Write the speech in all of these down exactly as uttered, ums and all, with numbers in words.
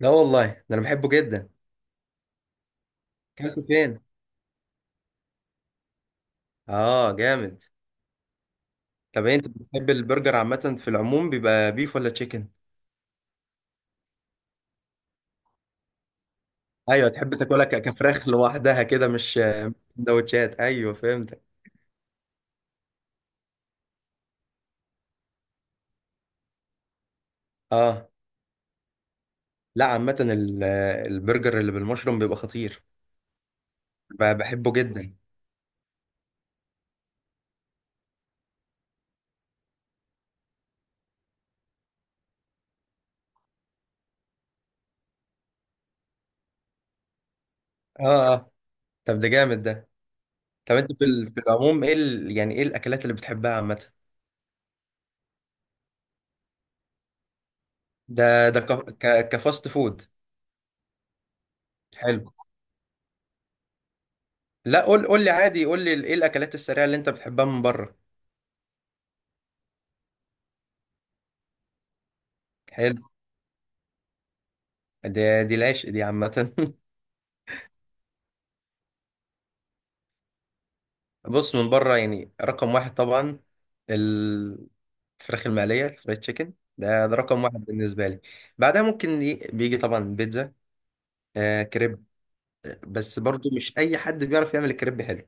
لا والله، ده انا بحبه جدا. اكلته فين؟ اه، جامد. طب، إيه، انت بتحب البرجر عامه؟ في العموم بيبقى بيف ولا تشيكن؟ ايوه، تحب تاكلها ك- كفراخ لوحدها كده، مش سندوتشات. ايوه، فهمتك. اه. لا، عامه ال- البرجر اللي بالمشروم بيبقى خطير. ب- بحبه جدا. اه اه. طب، ده جامد ده. طب، انت في ال- في العموم، ايه ال... يعني ايه الاكلات اللي بتحبها عامه؟ ده ده ك... ك... كفاست فود. حلو. لا، قول قول لي عادي، قول لي ايه الاكلات السريعه اللي انت بتحبها من بره. حلو. دي دي العشق دي عامة. بص، من بره يعني رقم واحد طبعا ال- الفراخ المقلية، الفرايد تشيكن ده، ده رقم واحد بالنسبة لي. بعدها ممكن ي- بيجي طبعا بيتزا، آه كريب. بس برضو مش أي حد بيعرف يعمل الكريب حلو.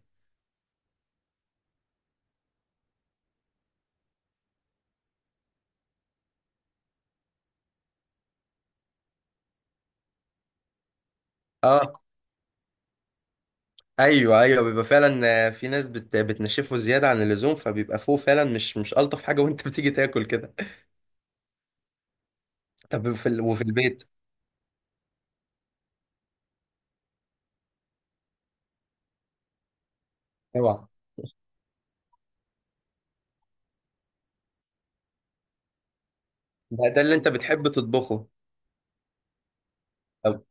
اه، ايوه ايوه، بيبقى فعلا. آه، في ناس بت بتنشفه زيادة عن اللزوم، فبيبقى فوق فعلا مش مش ألطف حاجة، وانت بتيجي تاكل كده. طب، في ال... وفي البيت؟ اوعى. ده ده اللي انت بتحب تطبخه؟ طب.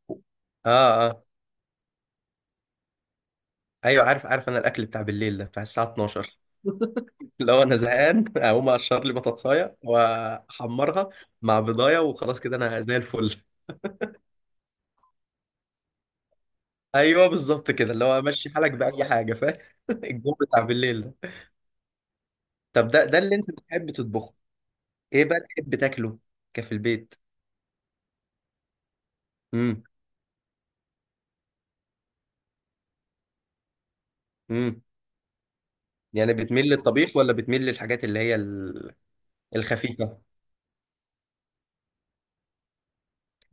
اه اه. ايوه، عارف عارف، انا الاكل بتاع بالليل ده بتاع الساعه اتناشر. لو انا زهقان، اقوم اقشر لي بطاطسايه واحمرها مع بضايه، وخلاص كده انا زي الفل. ايوه، بالظبط كده، اللي هو امشي حالك باي حاجه. فاهم؟ الجو بتاع بالليل ده. طب، ده ده اللي انت بتحب تطبخه؟ ايه بقى تحب تاكله كفي البيت؟ امم. امم. يعني بتميل للطبيخ ولا بتميل للحاجات اللي هي ال- الخفيفه؟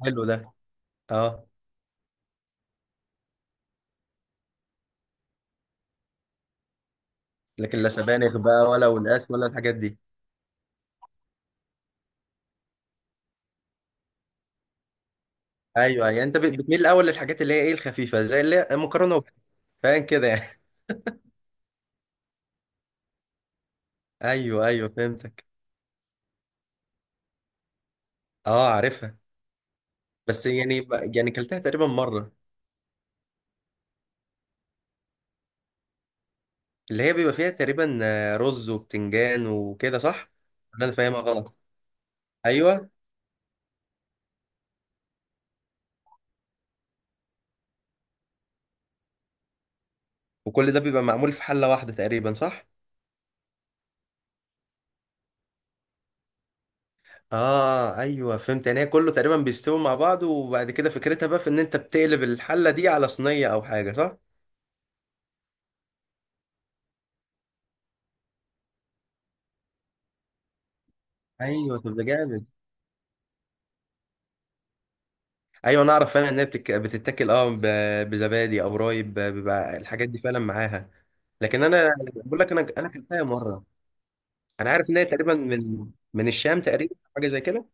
حلو ده. اه. لكن لا سبانخ بقى، ولا ونقاس، ولا الحاجات دي؟ ايوه، يعني انت بت- بتميل الاول للحاجات اللي هي ايه، الخفيفه، زي اللي هي المكرونه وب- فاهم كده يعني. ايوه ايوه، فهمتك. اه، عارفها. بس يعني، ب- يعني كلتها تقريبا مره. اللي هي بيبقى فيها تقريبا، آه، رز وبتنجان وكده، صح؟ ولا انا فاهمها غلط؟ ايوه. وكل ده بيبقى معمول في حله واحده تقريبا، صح؟ اه، ايوه، فهمت. يعني هي كله تقريبا بيستوي مع بعض، وبعد كده فكرتها بقى في ان انت بتقلب الحله دي على صينيه او حاجه، صح؟ ايوه، طب ده جامد. ايوه، انا اعرف فعلا ان هي بتك... بتتاكل، اه ب... بزبادي او رايب، ب- بيبقى الحاجات دي فعلا معاها. لكن انا بقول لك، انا انا اكلتها مره. انا عارف ان هي تقريبا من من الشام تقريبا، حاجه زي كده.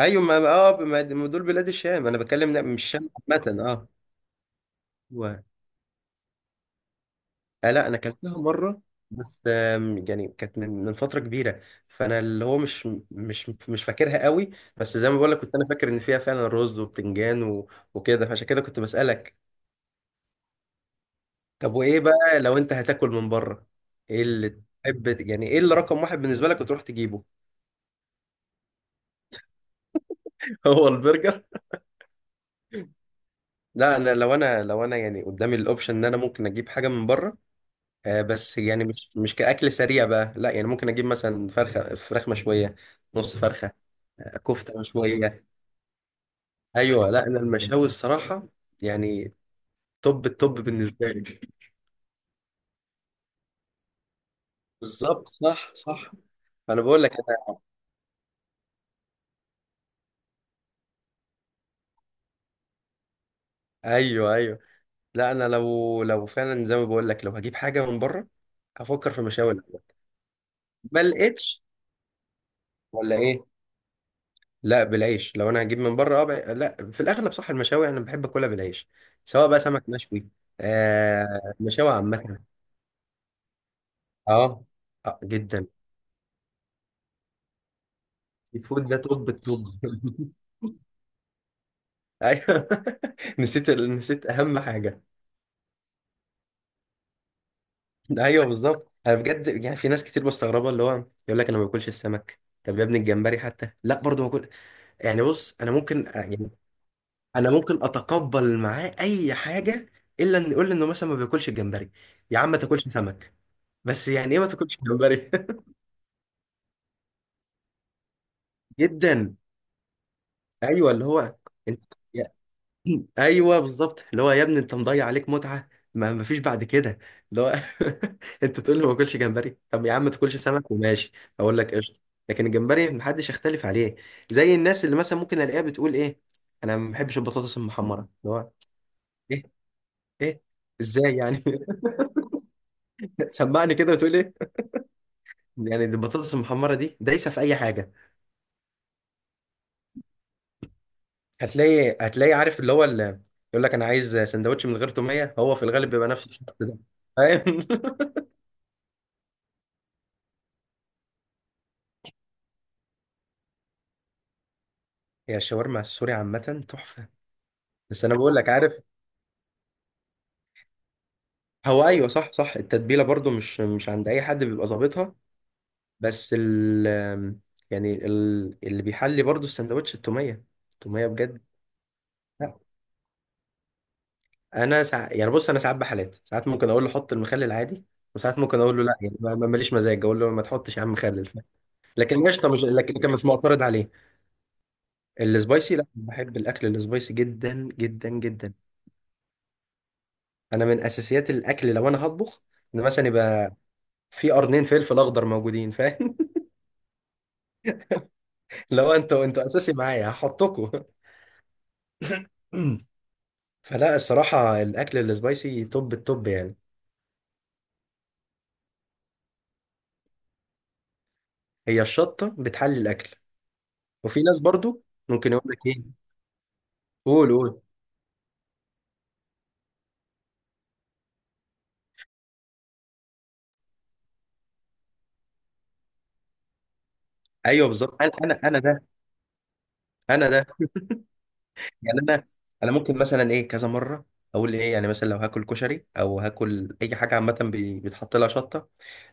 ايوه، ما اه، ما ما دول بلاد الشام انا بتكلم، لا، مش الشام عامه، اه. و... آه لا، انا اكلتها مره، بس آم، يعني كانت من من فتره كبيره، فانا اللي هو مش مش مش فاكرها قوي. بس زي ما بقول لك، كنت انا فاكر ان فيها فعلا رز وبتنجان و... وكده، فعشان كده كنت بسالك. طب، وايه بقى لو انت هتاكل من بره؟ ايه اللي تحب يعني، ايه اللي رقم واحد بالنسبه لك وتروح تجيبه؟ هو البرجر. لا، انا لو انا لو انا يعني قدامي الاوبشن ان انا ممكن اجيب حاجه من بره، آه بس يعني مش مش كاكل سريع بقى، لا، يعني ممكن اجيب مثلا فرخه فراخ مشويه، نص فرخه، آه، كفته مشويه. ايوه، لا، انا المشاوي الصراحه يعني، توب التوب بالنسبه لي. بالظبط، صح صح. انا بقول لك، ايوه ايوه، لا، انا لو لو فعلا زي ما بقول لك، لو هجيب حاجه من بره، هفكر في مشاوي الاول. ما لقيتش ولا ايه؟ لا، بالعيش. لو انا هجيب من بره، اه، بقى- لا، في الاغلب صح، المشاوي انا بحب اكلها بالعيش، سواء بقى سمك مشوي، آه مشاوي عامه. اه، اه جدا. الفود ده توب التوب. ايوه. نسيت ال- نسيت اهم حاجه. ايوه، بالظبط. انا بجد، يعني في ناس كتير مستغربه، اللي هو يقول لك انا ما باكلش السمك، طب يا ابني الجمبري حتى، لا برضه باكل. يعني بص، انا ممكن، آه، يعني انا ممكن اتقبل معاه اي حاجه، الا ان يقول لي انه مثلا ما بياكلش الجمبري. يا عم، ما تاكلش سمك، بس يعني ايه ما تاكلش جمبري؟ جدا. ايوه، اللي هو، انت، يا- ايوه، بالظبط، اللي هو يا ابني انت مضيع عليك متعه. ما ما فيش بعد كده. اللي هو، انت تقول لي ما اكلش جمبري، طب يا عم ما تاكلش سمك وماشي، اقول لك قشطه. لكن الجمبري محدش يختلف عليه. زي الناس اللي مثلا ممكن الاقيها بتقول ايه، انا ما بحبش البطاطس المحمره. اللي هو ايه؟ ايه؟ ازاي يعني؟ سمعني كده، وتقول ايه؟ يعني دي البطاطس المحمره دي دايسه في اي حاجه. هتلاقي هتلاقي عارف اللي هو، اللي يقول لك انا عايز سندوتش من غير توميه، هو في الغالب بيبقى نفس الشخص ده. فاهم؟ هي الشاورما السوري عامه تحفه. بس انا بقول لك، عارف، هو ايوه، صح صح، التتبيله برضو مش مش عند اي حد بيبقى ظابطها. بس ال يعني ال اللي بيحلي برضو السندوتش، التوميه، التوميه بجد. لا، انا سع... يعني بص، انا ساعات بحالات، ساعات ممكن اقول له حط المخلل عادي، وساعات ممكن اقول له لا، يعني ما- ما- ماليش مزاج، اقول له ما تحطش يا عم مخلل، لكن قشطه، مش لكن كان مش معترض عليه. السبايسي؟ لا، بحب الاكل السبايسي جدا جدا جدا. انا من اساسيات الاكل لو انا هطبخ، ان مثلا يبقى في قرنين فلفل اخضر موجودين. فاهم؟ لو انتوا انتوا اساسي معايا، هحطكوا. فلا، الصراحه، الاكل السبايسي توب التوب يعني. هي الشطه بتحلي الاكل. وفي ناس برضو ممكن يقول لك ايه، قول قول. ايوه، بالظبط، انا انا انا ده، انا ده، يعني انا، انا ممكن مثلا ايه، كذا مره اقول ايه، يعني مثلا لو هاكل كشري او هاكل اي حاجه عامه بي- بيتحط لها شطه،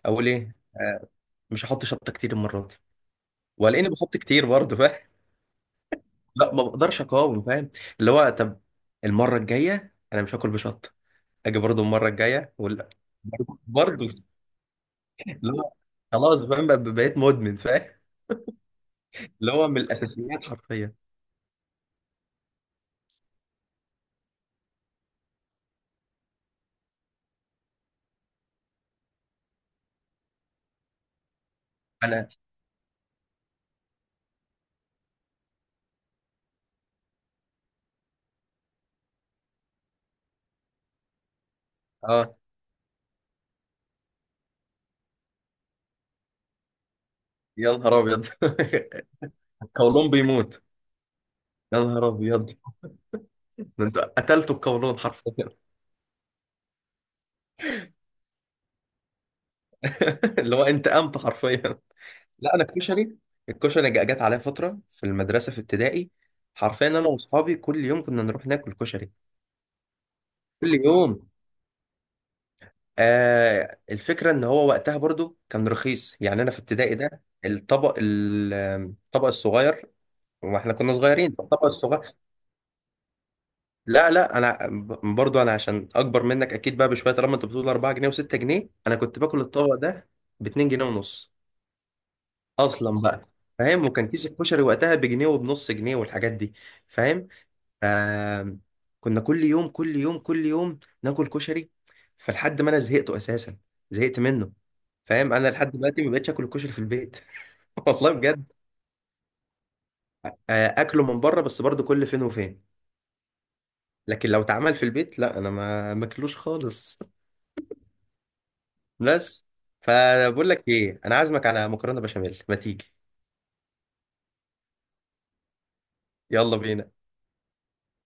اقول ايه، آه مش هحط شطه كتير المره دي، ولاني بحط كتير برضه. فاهم؟ لا، ما بقدرش اقاوم. فاهم؟ اللي هو، طب، المره الجايه انا مش هاكل بشطه، اجي برضه المره الجايه ولا، برضه. اللي هو، خلاص، فاهم؟ بق- بقيت مدمن. فاهم؟ اللي هو من الاساسيات حرفيا. انا اه. يا نهار ابيض. قولون بيموت. يا نهار ابيض. ده انت قتلته بقولون حرفيا. اللي هو انت قمت حرفيا. لا، انا الكشري، الكشري جا- جت عليا فتره في المدرسه في ابتدائي، حرفيا انا واصحابي كل يوم كنا نروح ناكل كشري. كل يوم. آه الفكره ان هو وقتها برضو كان رخيص، يعني انا في ابتدائي ده الطبق ال- الطبق الصغير، واحنا كنا صغيرين، الطبق الصغير. لا لا، انا ب- برضو انا عشان اكبر منك اكيد بقى بشويه، طالما انت بتقول اربع جنيه و6 جنيه، انا كنت باكل الطبق ده ب اتنين جنيه ونص اصلا بقى. فاهم؟ وكان كيس الكشري وقتها بجنيه وبنص جنيه والحاجات دي. فاهم؟ آم، كنا كل يوم كل يوم كل يوم ناكل كشري، فلحد ما انا زهقته اساسا، زهقت منه. فاهم؟ انا لحد دلوقتي ما بقتش اكل الكشري في البيت. والله بجد. آه، اكله من بره بس برضه كل فين وفين، لكن لو اتعمل في البيت، لا، انا ما ماكلوش خالص. بس. فبقول لك ايه، انا عازمك على مكرونه بشاميل، ما تيجي؟ يلا بينا.